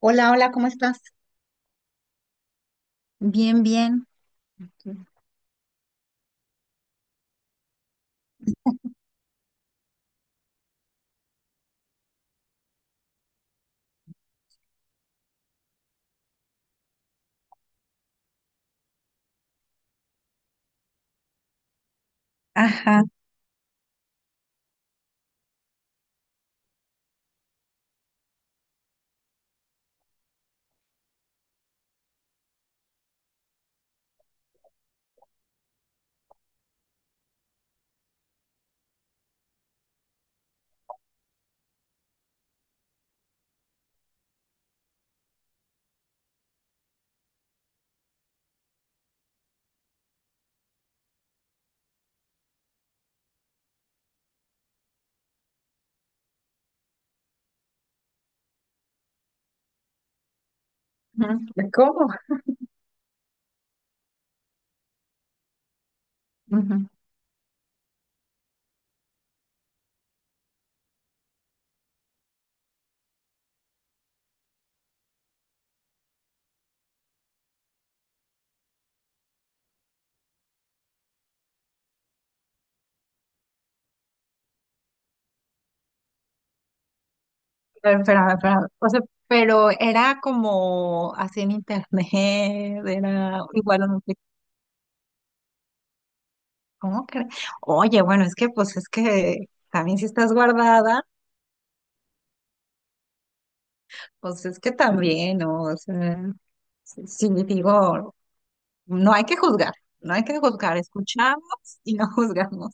Hola, hola, ¿cómo estás? Bien, bien. Ajá. Ujú. ¿Cómo? Ujú. Pero, o sea, pero era como así en internet, era igual a Netflix. ¿Cómo crees? Oye, bueno, es que pues es que también si estás guardada, pues es que también, ¿no? O sea, si digo, no hay que juzgar, no hay que juzgar, escuchamos y no juzgamos.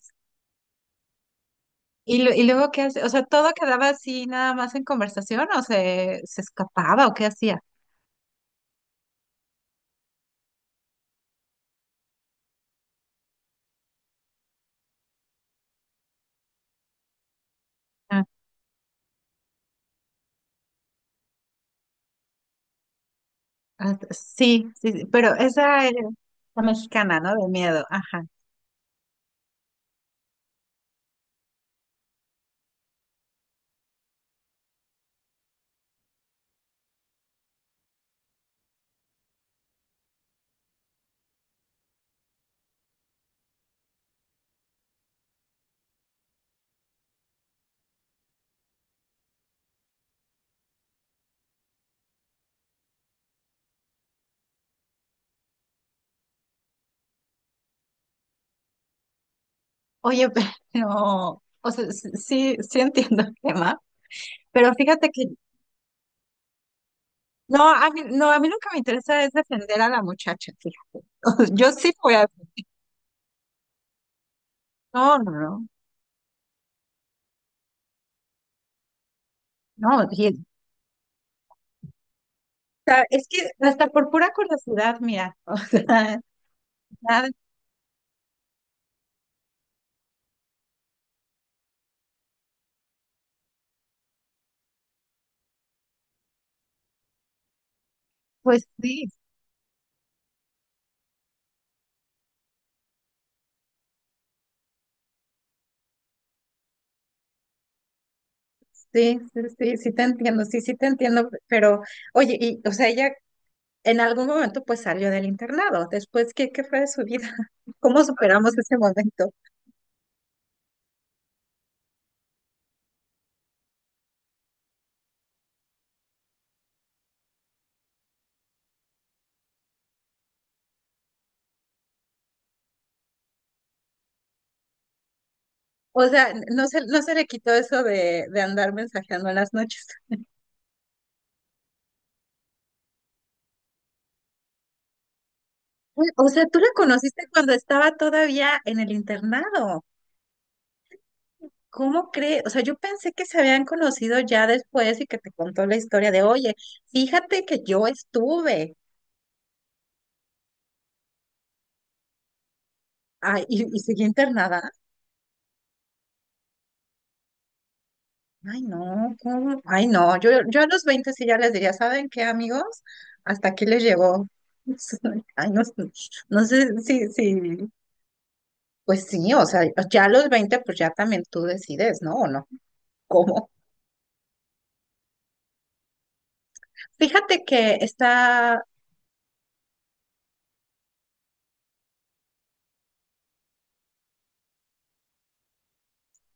Y, y luego, ¿qué hace? O sea, ¿todo quedaba así nada más en conversación o se escapaba o qué hacía? Ah, ah, sí, sí, sí, pero esa es la mexicana, ¿no? De miedo, ajá. Oye, pero, o sea, sí, sí sí entiendo el tema, pero fíjate que, no, a mí lo que me interesa es defender a la muchacha, fíjate. O sea, yo sí voy a, no, no, no, no, y- o sea, es que hasta por pura curiosidad, mira, o sea, nada, pues sí, sí te entiendo, sí te entiendo, pero, oye, y, o sea, ella en algún momento pues salió del internado. Después, ¿qué, qué fue de su vida? ¿Cómo superamos ese momento? O sea, no se le quitó eso de andar mensajeando en las noches. Uy, o sea, tú la conociste cuando estaba todavía en el internado. ¿Cómo crees? O sea, yo pensé que se habían conocido ya después y que te contó la historia de, oye, fíjate que yo estuve ah, y seguí internada. Ay, no, ¿cómo? Ay, no, yo a los 20 sí ya les diría, ¿saben qué, amigos? Hasta aquí les llegó. Ay, no, no sé si, si, pues sí, o sea, ya a los 20 pues ya también tú decides, ¿no? ¿O no? ¿Cómo? Fíjate que está,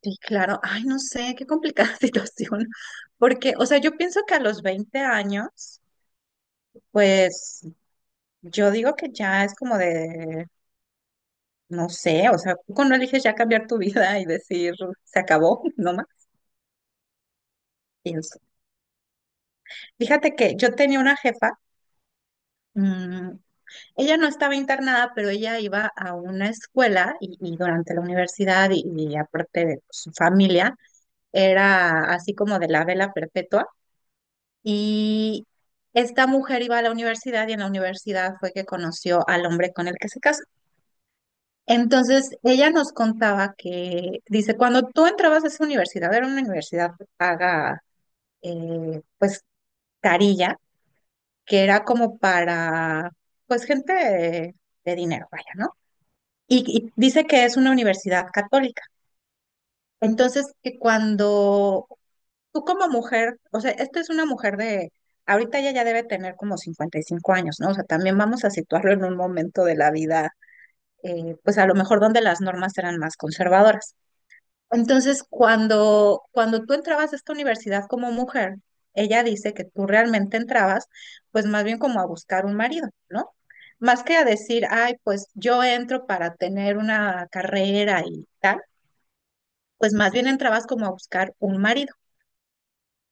sí, claro, ay, no sé, qué complicada situación, porque, o sea, yo pienso que a los 20 años, pues yo digo que ya es como de, no sé, o sea, tú cuando eliges ya cambiar tu vida y decir, se acabó, ¿no? Más. Pienso. Fíjate que yo tenía una jefa, mm, ella no estaba internada, pero ella iba a una escuela y durante la universidad y aparte de su familia, era así como de la vela perpetua. Y esta mujer iba a la universidad y en la universidad fue que conoció al hombre con el que se casó. Entonces, ella nos contaba que, dice, cuando tú entrabas a esa universidad, era una universidad paga, pues, carilla, que era como para, pues, gente de dinero, vaya, ¿no? Y dice que es una universidad católica. Entonces, que cuando tú como mujer, o sea, esta es una mujer de, ahorita ella ya debe tener como 55 años, ¿no? O sea, también vamos a situarlo en un momento de la vida, pues a lo mejor donde las normas eran más conservadoras. Entonces, cuando tú entrabas a esta universidad como mujer, ella dice que tú realmente entrabas, pues más bien como a buscar un marido, ¿no? Más que a decir, ay, pues yo entro para tener una carrera y tal, pues más bien entrabas como a buscar un marido.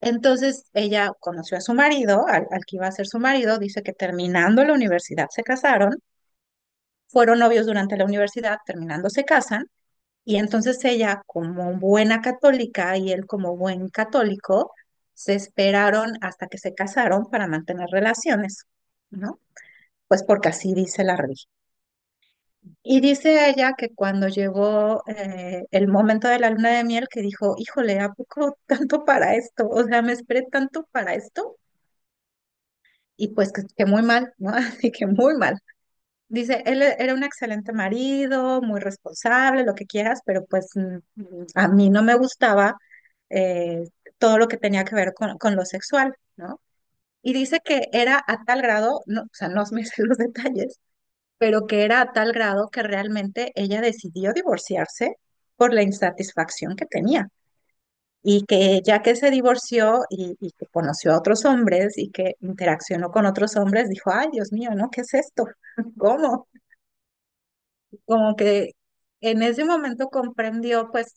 Entonces, ella conoció a su marido, al, al que iba a ser su marido, dice que terminando la universidad se casaron, fueron novios durante la universidad, terminando se casan. Y entonces ella, como buena católica y él como buen católico, se esperaron hasta que se casaron para mantener relaciones, ¿no? Pues porque así dice la religión. Y dice ella que cuando llegó el momento de la luna de miel, que dijo, híjole, ¿a poco tanto para esto? O sea, me esperé tanto para esto. Y pues que muy mal, ¿no? Así que muy mal. Dice, él era un excelente marido, muy responsable, lo que quieras, pero pues a mí no me gustaba eh, todo lo que tenía que ver con lo sexual, ¿no? Y dice que era a tal grado, no, o sea, no me sé los detalles, pero que era a tal grado que realmente ella decidió divorciarse por la insatisfacción que tenía. Y que ya que se divorció y que conoció a otros hombres y que interaccionó con otros hombres, dijo, ay, Dios mío, ¿no? ¿Qué es esto? ¿Cómo? Como que en ese momento comprendió pues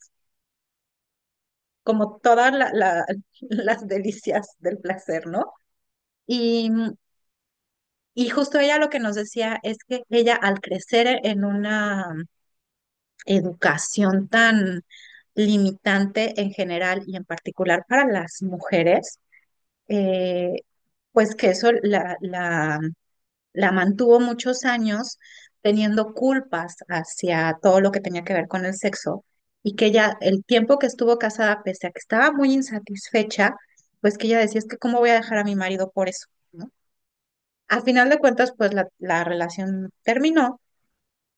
como todas las delicias del placer, ¿no? Y, y justo ella lo que nos decía es que ella al crecer en una educación tan limitante en general y en particular para las mujeres, eh, pues que eso la mantuvo muchos años teniendo culpas hacia todo lo que tenía que ver con el sexo y que ella, el tiempo que estuvo casada, pese a que estaba muy insatisfecha, pues que ella decía, es que cómo voy a dejar a mi marido por eso, ¿no? Al final de cuentas, pues la relación terminó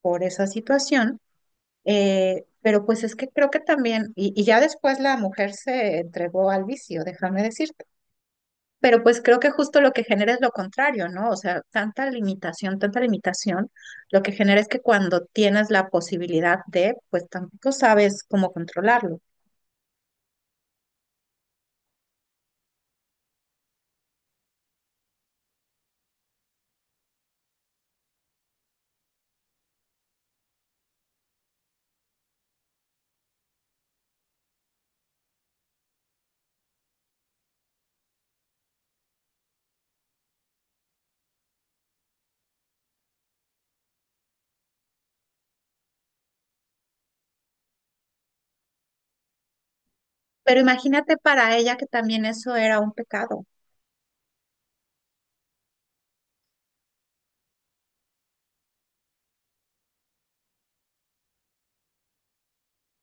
por esa situación, pero pues es que creo que también, y ya después la mujer se entregó al vicio, déjame decir, pero pues creo que justo lo que genera es lo contrario, ¿no? O sea, tanta limitación, lo que genera es que cuando tienes la posibilidad de, pues tampoco sabes cómo controlarlo. Pero imagínate para ella que también eso era un pecado.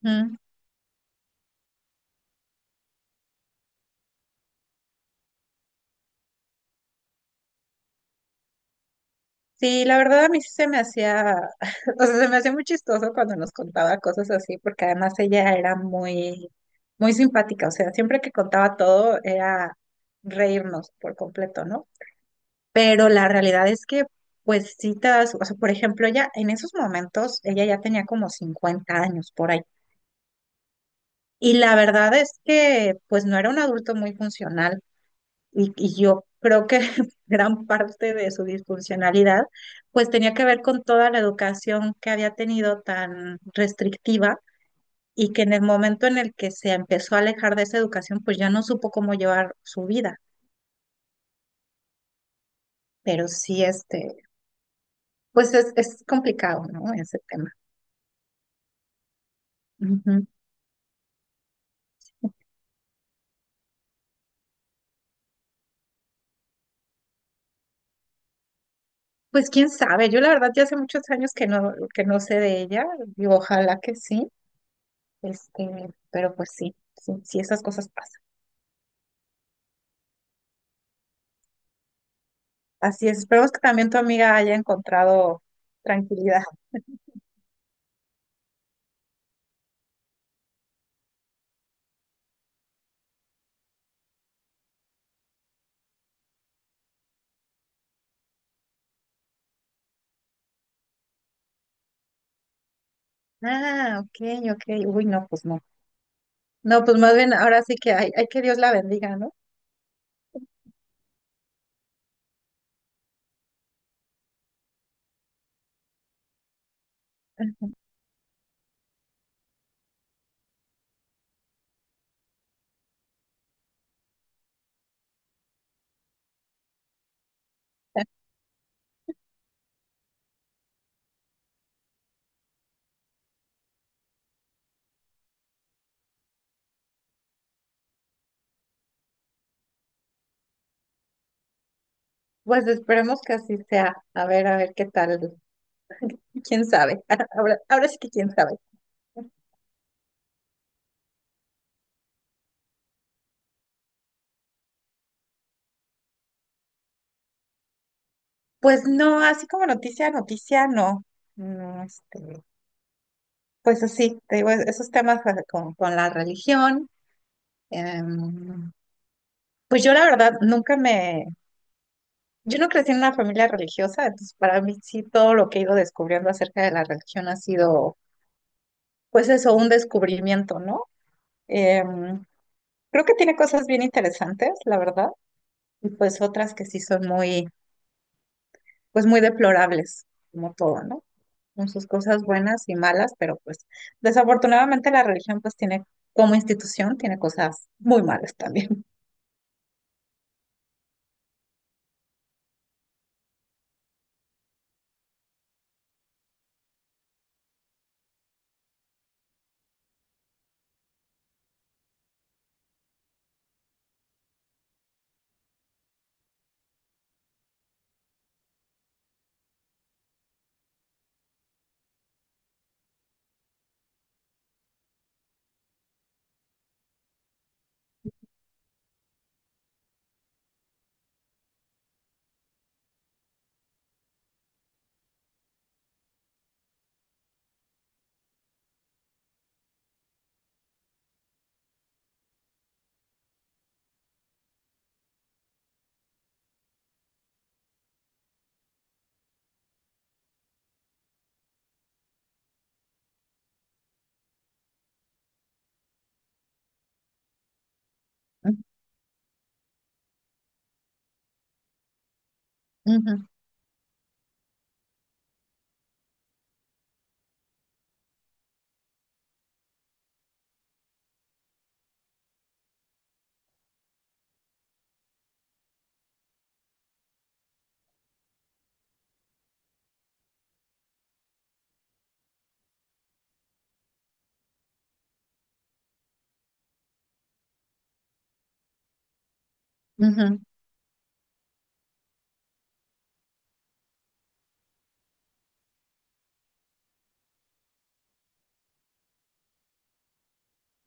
¿M? Sí, la verdad a mí sí se me hacía, o sea, se me hacía muy chistoso cuando nos contaba cosas así, porque además ella era muy, muy simpática, o sea, siempre que contaba todo era reírnos por completo, ¿no? Pero la realidad es que, pues sí te das, o sea, por ejemplo, ella en esos momentos, ella ya tenía como 50 años por ahí. Y la verdad es que, pues no era un adulto muy funcional. Y yo creo que gran parte de su disfuncionalidad, pues tenía que ver con toda la educación que había tenido tan restrictiva y que en el momento en el que se empezó a alejar de esa educación, pues ya no supo cómo llevar su vida. Pero sí, este, pues es complicado, ¿no? Ese tema. Ujú. Pues quién sabe, yo la verdad ya hace muchos años que no sé de ella, y ojalá que sí, este, pero pues sí, sí, sí, esas cosas pasan. Así es, esperemos que también tu amiga haya encontrado tranquilidad. Ah, ok, ok, uy, no, pues no. No, pues más bien ahora sí que hay que Dios la bendiga, ¿no? Pues esperemos que así sea. A ver qué tal, quién sabe. Ahora, ahora sí que quién sabe. Pues no, así como noticia, noticia, no. No, este. Pues así, te digo, esos temas con la religión. em, pues yo la verdad nunca me, yo no crecí en una familia religiosa, entonces para mí sí todo lo que he ido descubriendo acerca de la religión ha sido, pues eso, un descubrimiento, ¿no? Em, Creo que tiene cosas bien interesantes, la verdad, y pues otras que sí son muy, pues muy deplorables, como todo, ¿no? Con sus cosas buenas y malas, pero pues desafortunadamente la religión pues tiene como institución, tiene cosas muy malas también. Ujú, ujú,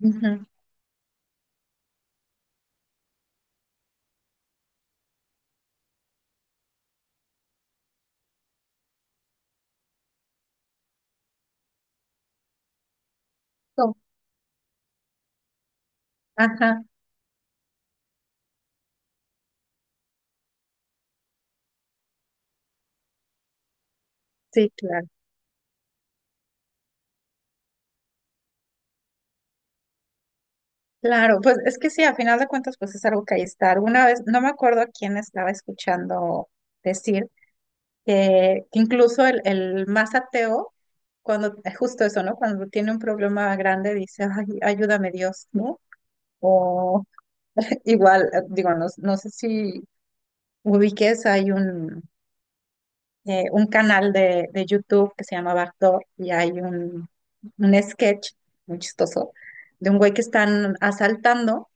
ujú. Com- Ajá, sí, claro. Claro, pues es que sí, a final de cuentas, pues es algo que ahí está. Alguna vez, no me acuerdo a quién estaba escuchando decir que incluso el más ateo, cuando, justo eso, ¿no? Cuando tiene un problema grande, dice, ay, ayúdame Dios, ¿no? O igual, digo, no, no sé si ubiques, hay un canal de YouTube que se llama Backdoor y hay un sketch muy chistoso de un güey que están asaltando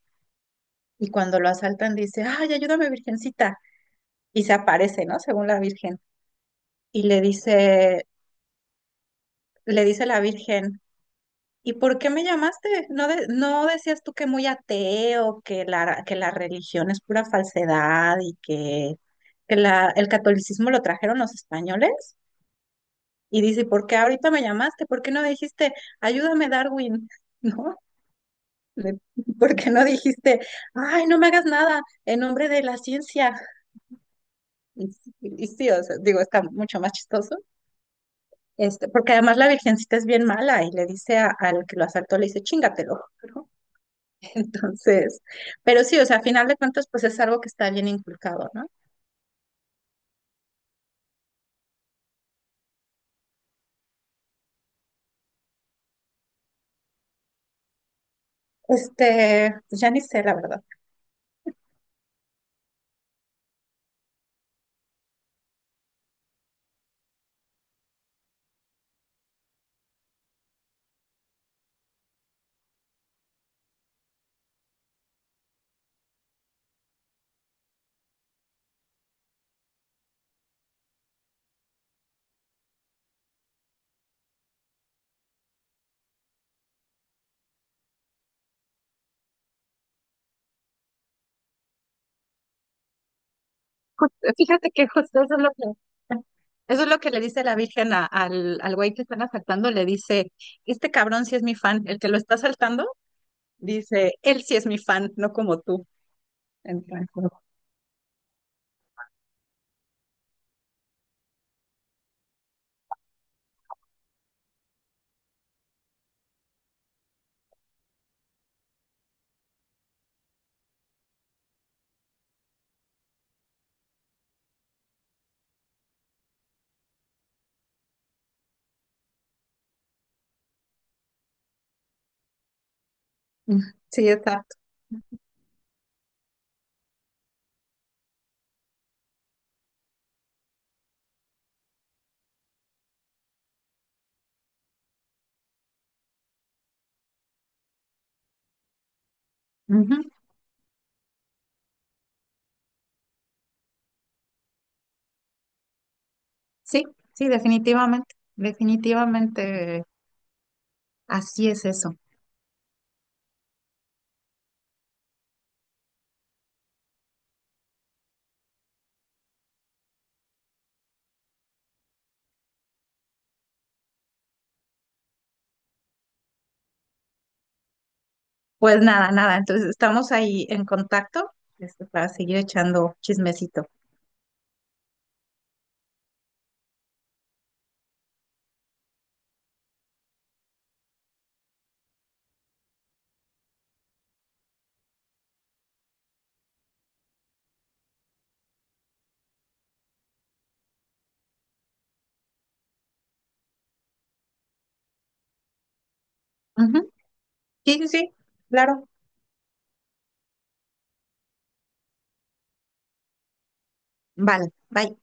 y cuando lo asaltan dice, ay, ayúdame, virgencita. Y se aparece, ¿no? Según la virgen. Y le dice la virgen, ¿y por qué me llamaste? ¿No de- no decías tú que muy ateo, que la religión es pura falsedad y que la, el catolicismo lo trajeron los españoles? Y dice, ¿por qué ahorita me llamaste? ¿Por qué no dijiste, ayúdame, Darwin? ¿No? Le- ¿Por qué no dijiste, ay, no me hagas nada en nombre de la ciencia? Y sí, o sea, digo, está mucho más chistoso. Este, porque además la virgencita es bien mala y le dice al que lo asaltó, le dice, chingatelo, ¿no? Entonces, pero sí, o sea, a final de cuentas, pues es algo que está bien inculcado, ¿no? Este, pues ya ni sé, la verdad. Jus- Fíjate que justo eso es lo que, eso es lo que le dice la Virgen al, al güey que están asaltando, le dice, este cabrón sí es mi fan, el que lo está asaltando, dice, él sí es mi fan, no como tú. Entonces, mm, sí, exacto. Ujú. Sí, sí, definitivamente, definitivamente, así es eso. Pues nada, nada, entonces estamos ahí en contacto, este, para seguir echando chismecito. Ujú. Sí, sí, sí, claro. Vale, bye.